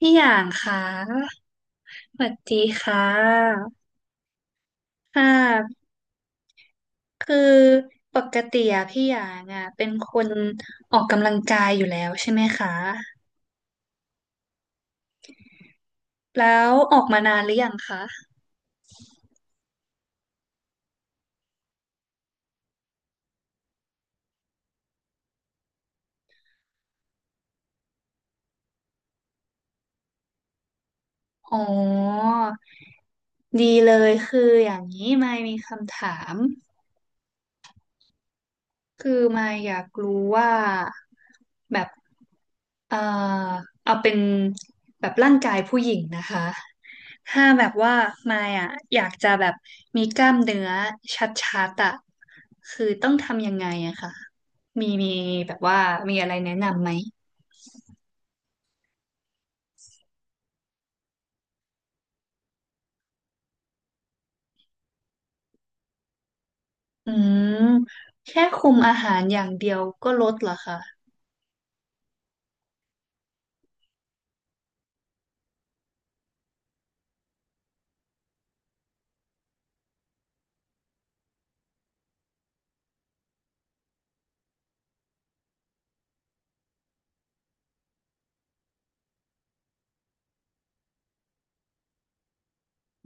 พี่อย่างค่ะสวัสดีค่ะค่ะคือปกติอะพี่อย่างอะเป็นคนออกกำลังกายอยู่แล้วใช่ไหมคะ แล้วออกมานานหรือยังคะ อ๋อ ดีเลยคืออย่างนี้ไม่มีคำถาม คือมายอยากรู้ว่าแบบเอ่อเอาเป็นแบบร่างกายผู้หญิงนะคะ ถ้าแบบว่ามายอ่ะอยากจะแบบมีกล้ามเนื้อชัดๆอ่ะคือต้องทำยังไงอะค่ะมีแบบว่ามีอะไรแนะนำไหม อืม แค่คุมอาหารอย่างเดียวก็ลดเหรอคะ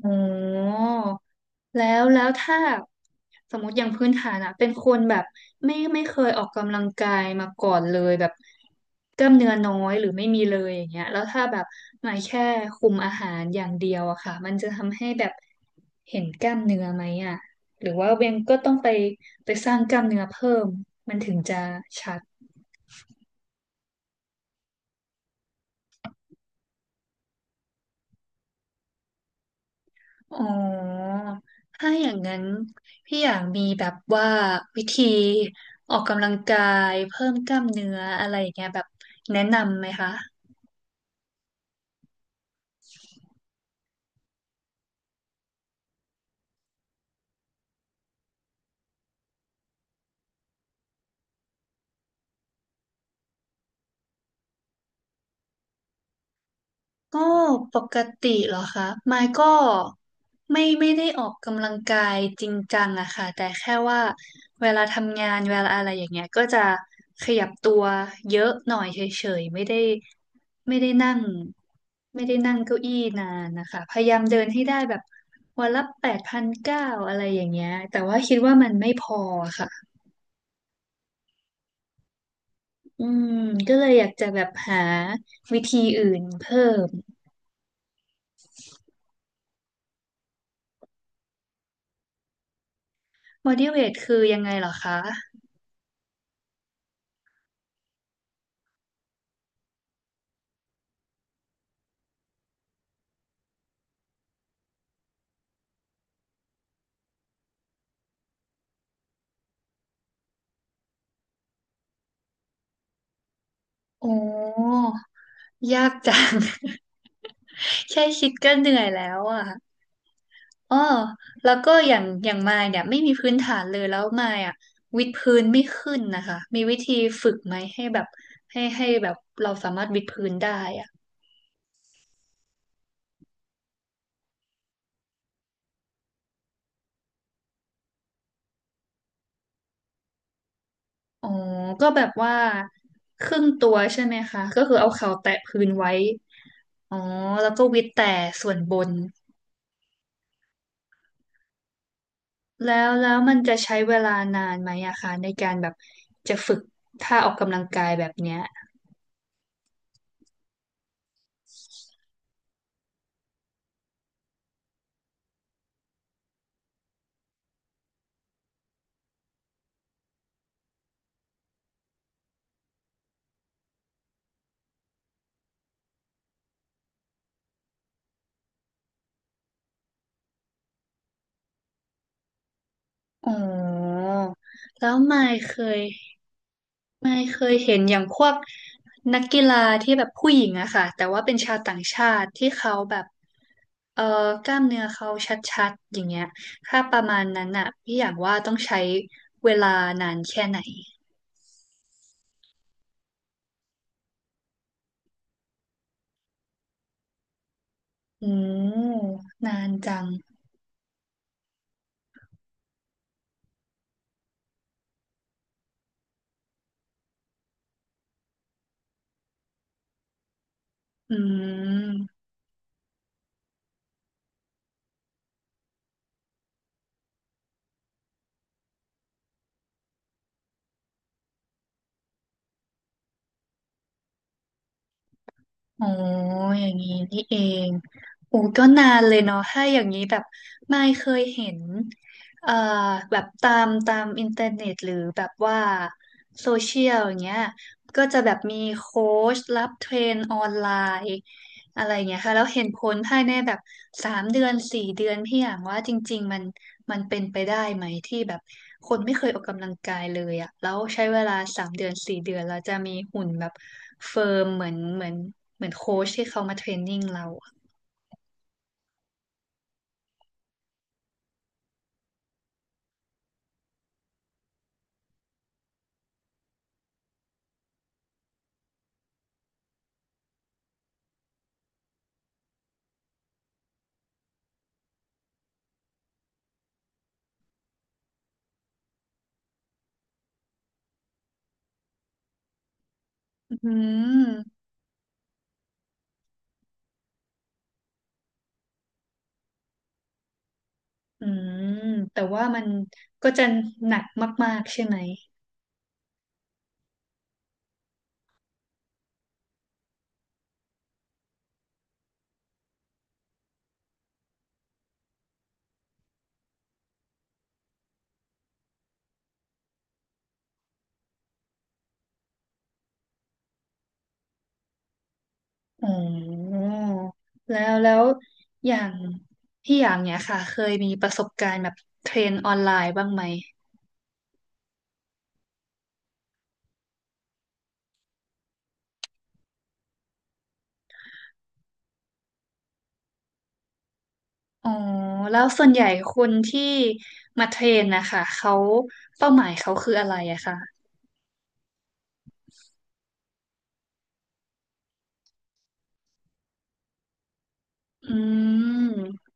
อ๋อแล้วแล้วถ้าสมมติอย่างพื้นฐานอะเป็นคนแบบไม่เคยออกกำลังกายมาก่อนเลยแบบกล้ามเนื้อน้อยหรือไม่มีเลยอย่างเงี้ยแล้วถ้าแบบมาแค่คุมอาหารอย่างเดียวอะค่ะมันจะทำให้แบบเห็นกล้ามเนื้อไหมอะหรือว่าเบนก็ต้องไปสร้างกล้ามเนื้อเพิ่มมันถึงจะชัด อ๋อ ถ้าอย่างนั้นพี่อยากมีแบบว่าวิธีออกกำลังกายเพิ่มกล้ามเนื้ออะไรอย่างเงี้ยแบบแนะนำไหมคะ ก็ปกติเหรอคะมายก็ไม่ได้ออกกำลังกายจริงจังอะค่ะแต่แค่ว่าเวลาทำงานเวลาอะไรอย่างเงี้ยก็จะขยับตัวเยอะหน่อยเฉยๆไม่ได้นั่งไม่ได้นั่งเก้าอี้นานนะคะพยายามเดินให้ได้แบบวันละ8,900อะไรอย่างเงี้ยแต่ว่าคิดว่ามันไม่พอค่ะอืมก็เลยอยากจะแบบหาวิธีอื่นเพิ่ม body w e i g คือยังไงเหรอคะ โอ้ยากจัง แค่คิดก็เหนื่อยแล้วอ่ะอ๋อแล้วก็อย่างอย่างมายเนี่ยไม่มีพื้นฐานเลยแล้วมายอ่ะวิดพื้นไม่ขึ้นนะคะมีวิธีฝึกไหมให้แบบให้แบบเราสามารถวิดพื้นได้อ่ะอ๋อก็แบบว่าครึ่งตัวใช่ไหมคะก็คือเอาเข่าแตะพื้นไว้อ๋อแล้วก็วิดแต่ส่วนบนแล้วแล้วมันจะใช้เวลานานไหมอะคะในการแบบจะฝึกท่าออกกำลังกายแบบเนี้ย อ๋อแล้วเคยไม่เคยเห็นอย่างพวกนักกีฬาที่แบบผู้หญิงอะค่ะแต่ว่าเป็นชาวต่างชาติที่เขาแบบเอ่อกล้ามเนื้อเขาชัดๆอย่างเงี้ยถ้าประมาณนั้นอะพี่อยากว่าต้องใช้เวลานานแค่ไหนอืมนานจังอืม อ๋ออย่างนี้นี่เองโอ้ก็นานเลยเนาะถ้าอย่างนี้แบบไม่เคยเห็นเอ่อแบบตามอินเทอร์เน็ตหรือแบบว่าโซเชียลอย่างเงี้ยก็จะแบบมีโค้ชรับเทรนออนไลน์ อะไรเงี้ยค่ะแล้วเห็นผลภายในแบบสามเดือนสี่เดือนพี่อย่างว่าจริงๆมันมันเป็นไปได้ไหมที่แบบคนไม่เคยออกกำลังกายเลยอะแล้วใช้เวลาสามเดือนสี่เดือนเราจะมีหุ่นแบบเฟิร์มเหมือนโค้ชที่เขามาเทรนนิ่งเราอะอืมอืมแต่ว่ามันก็จะหนักมากๆใช่ไหมอ๋อแล้วแล้วอย่างพี่อย่างเนี้ยค่ะเคยมีประสบการณ์แบบเทรนออนไลน์บ้างไหม อ๋อแล้วส่วนใหญ่คนที่มาเทรนนะคะเขาเป้าหมายเขาคืออะไรอะค่ะอืม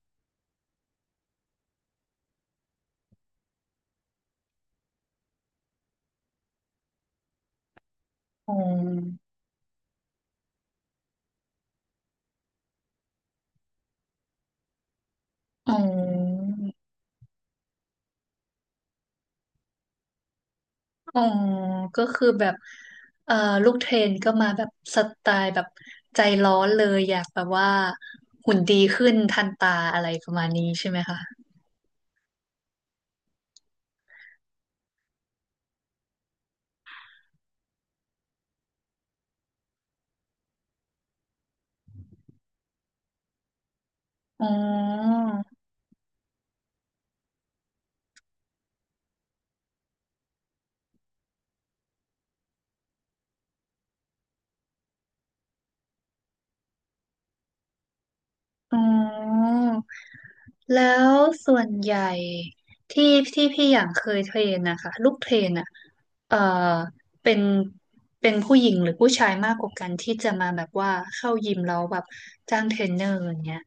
อ๋ออ๋ออ๋อก็คือแบบเอ่อลูกเทรนก็มาแบบสไตล์แบบใจร้อนเลยอยากแบบว่าหุ่นดีขึ้นทันตาอะไรประมาณนี้ใช่ไหมคะอ๋ออ๋อ แล้วส่วนใหญ่ที่ที่พี่อย่างเคยเทรนนะคะลูกเทรนอ่ะเอ่อเป็นเป็นผู้หญิงหรือผู้ชายมากกว่ากันที่จะมาแบบว่าเข้ายิมแล้วแบบจ้างเทรนเนอร์อย่างเงี้ย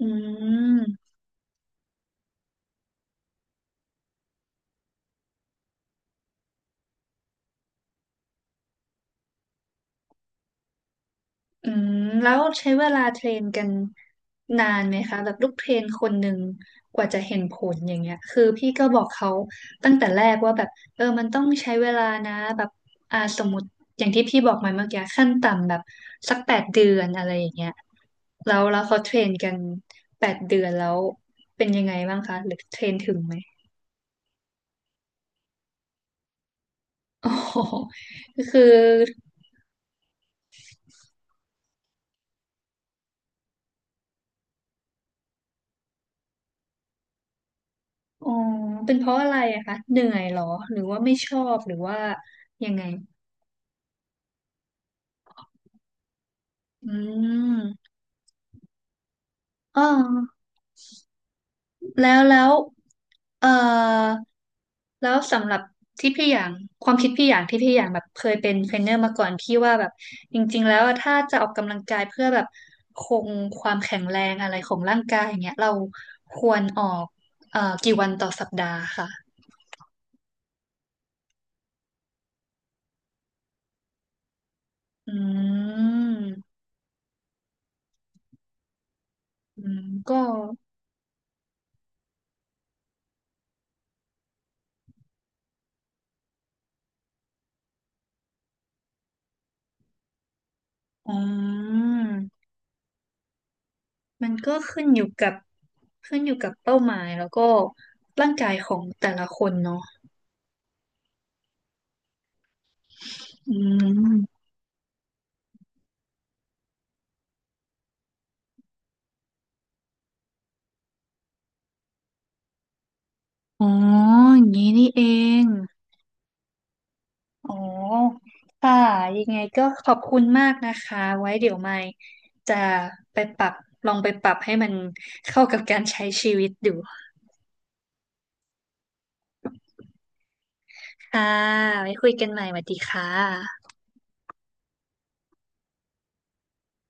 อืม อืมแล้วใช้เวลาเทรนกันนานไหมคะแบบลูกเทรนคนหนึ่งกว่าจะเห็นผลอย่างเงี้ยคือพี่ก็บอกเขาตั้งแต่แรกว่าแบบเออมันต้องใช้เวลานะแบบสมมติอย่างที่พี่บอกมาเมื่อกี้ขั้นต่ำแบบสักแปดเดือนอะไรอย่างเงี้ยแล้วแล้วเขาเทรนกันแปดเดือนแล้วเป็นยังไงบ้างคะหรือเทรนถึงไหมโอ๋ อคืออ๋อเป็นเพราะอะไรอะคะเหนื่อยเหรอหรือว่าไม่ชอบหรือว่ายังไง อืมอ๋อแล้วแล้วเอ่อแล้วสำหรับที่พี่อย่างความคิดพี่อย่างที่พี่อย่างแบบเคยเป็นเทรนเนอร์มาก่อนพี่ว่าแบบจริงๆแล้วอะถ้าจะออกกำลังกายเพื่อแบบคงความแข็งแรงอะไรของร่างกายอย่างเงี้ยเราควรออกกี่วันต่อสัปดาห์ค่ะอืมอืมก็อืมมันก็ขึ้นอยู่กับเป้าหมายแล้วก็ร่างกายของแต่ละคนเนาะ อืม อ๋ออย่างนี้นี่เอง อ๋อ ค่ะ ยังไงก็ขอบคุณมากนะคะ ไว้เดี๋ยวไม่จะไปปรับ ลองไปปรับให้มันเข้ากับการใช้ชีวิตดูค่ะไว้คุยกันใหม่สวัสดีค่ะ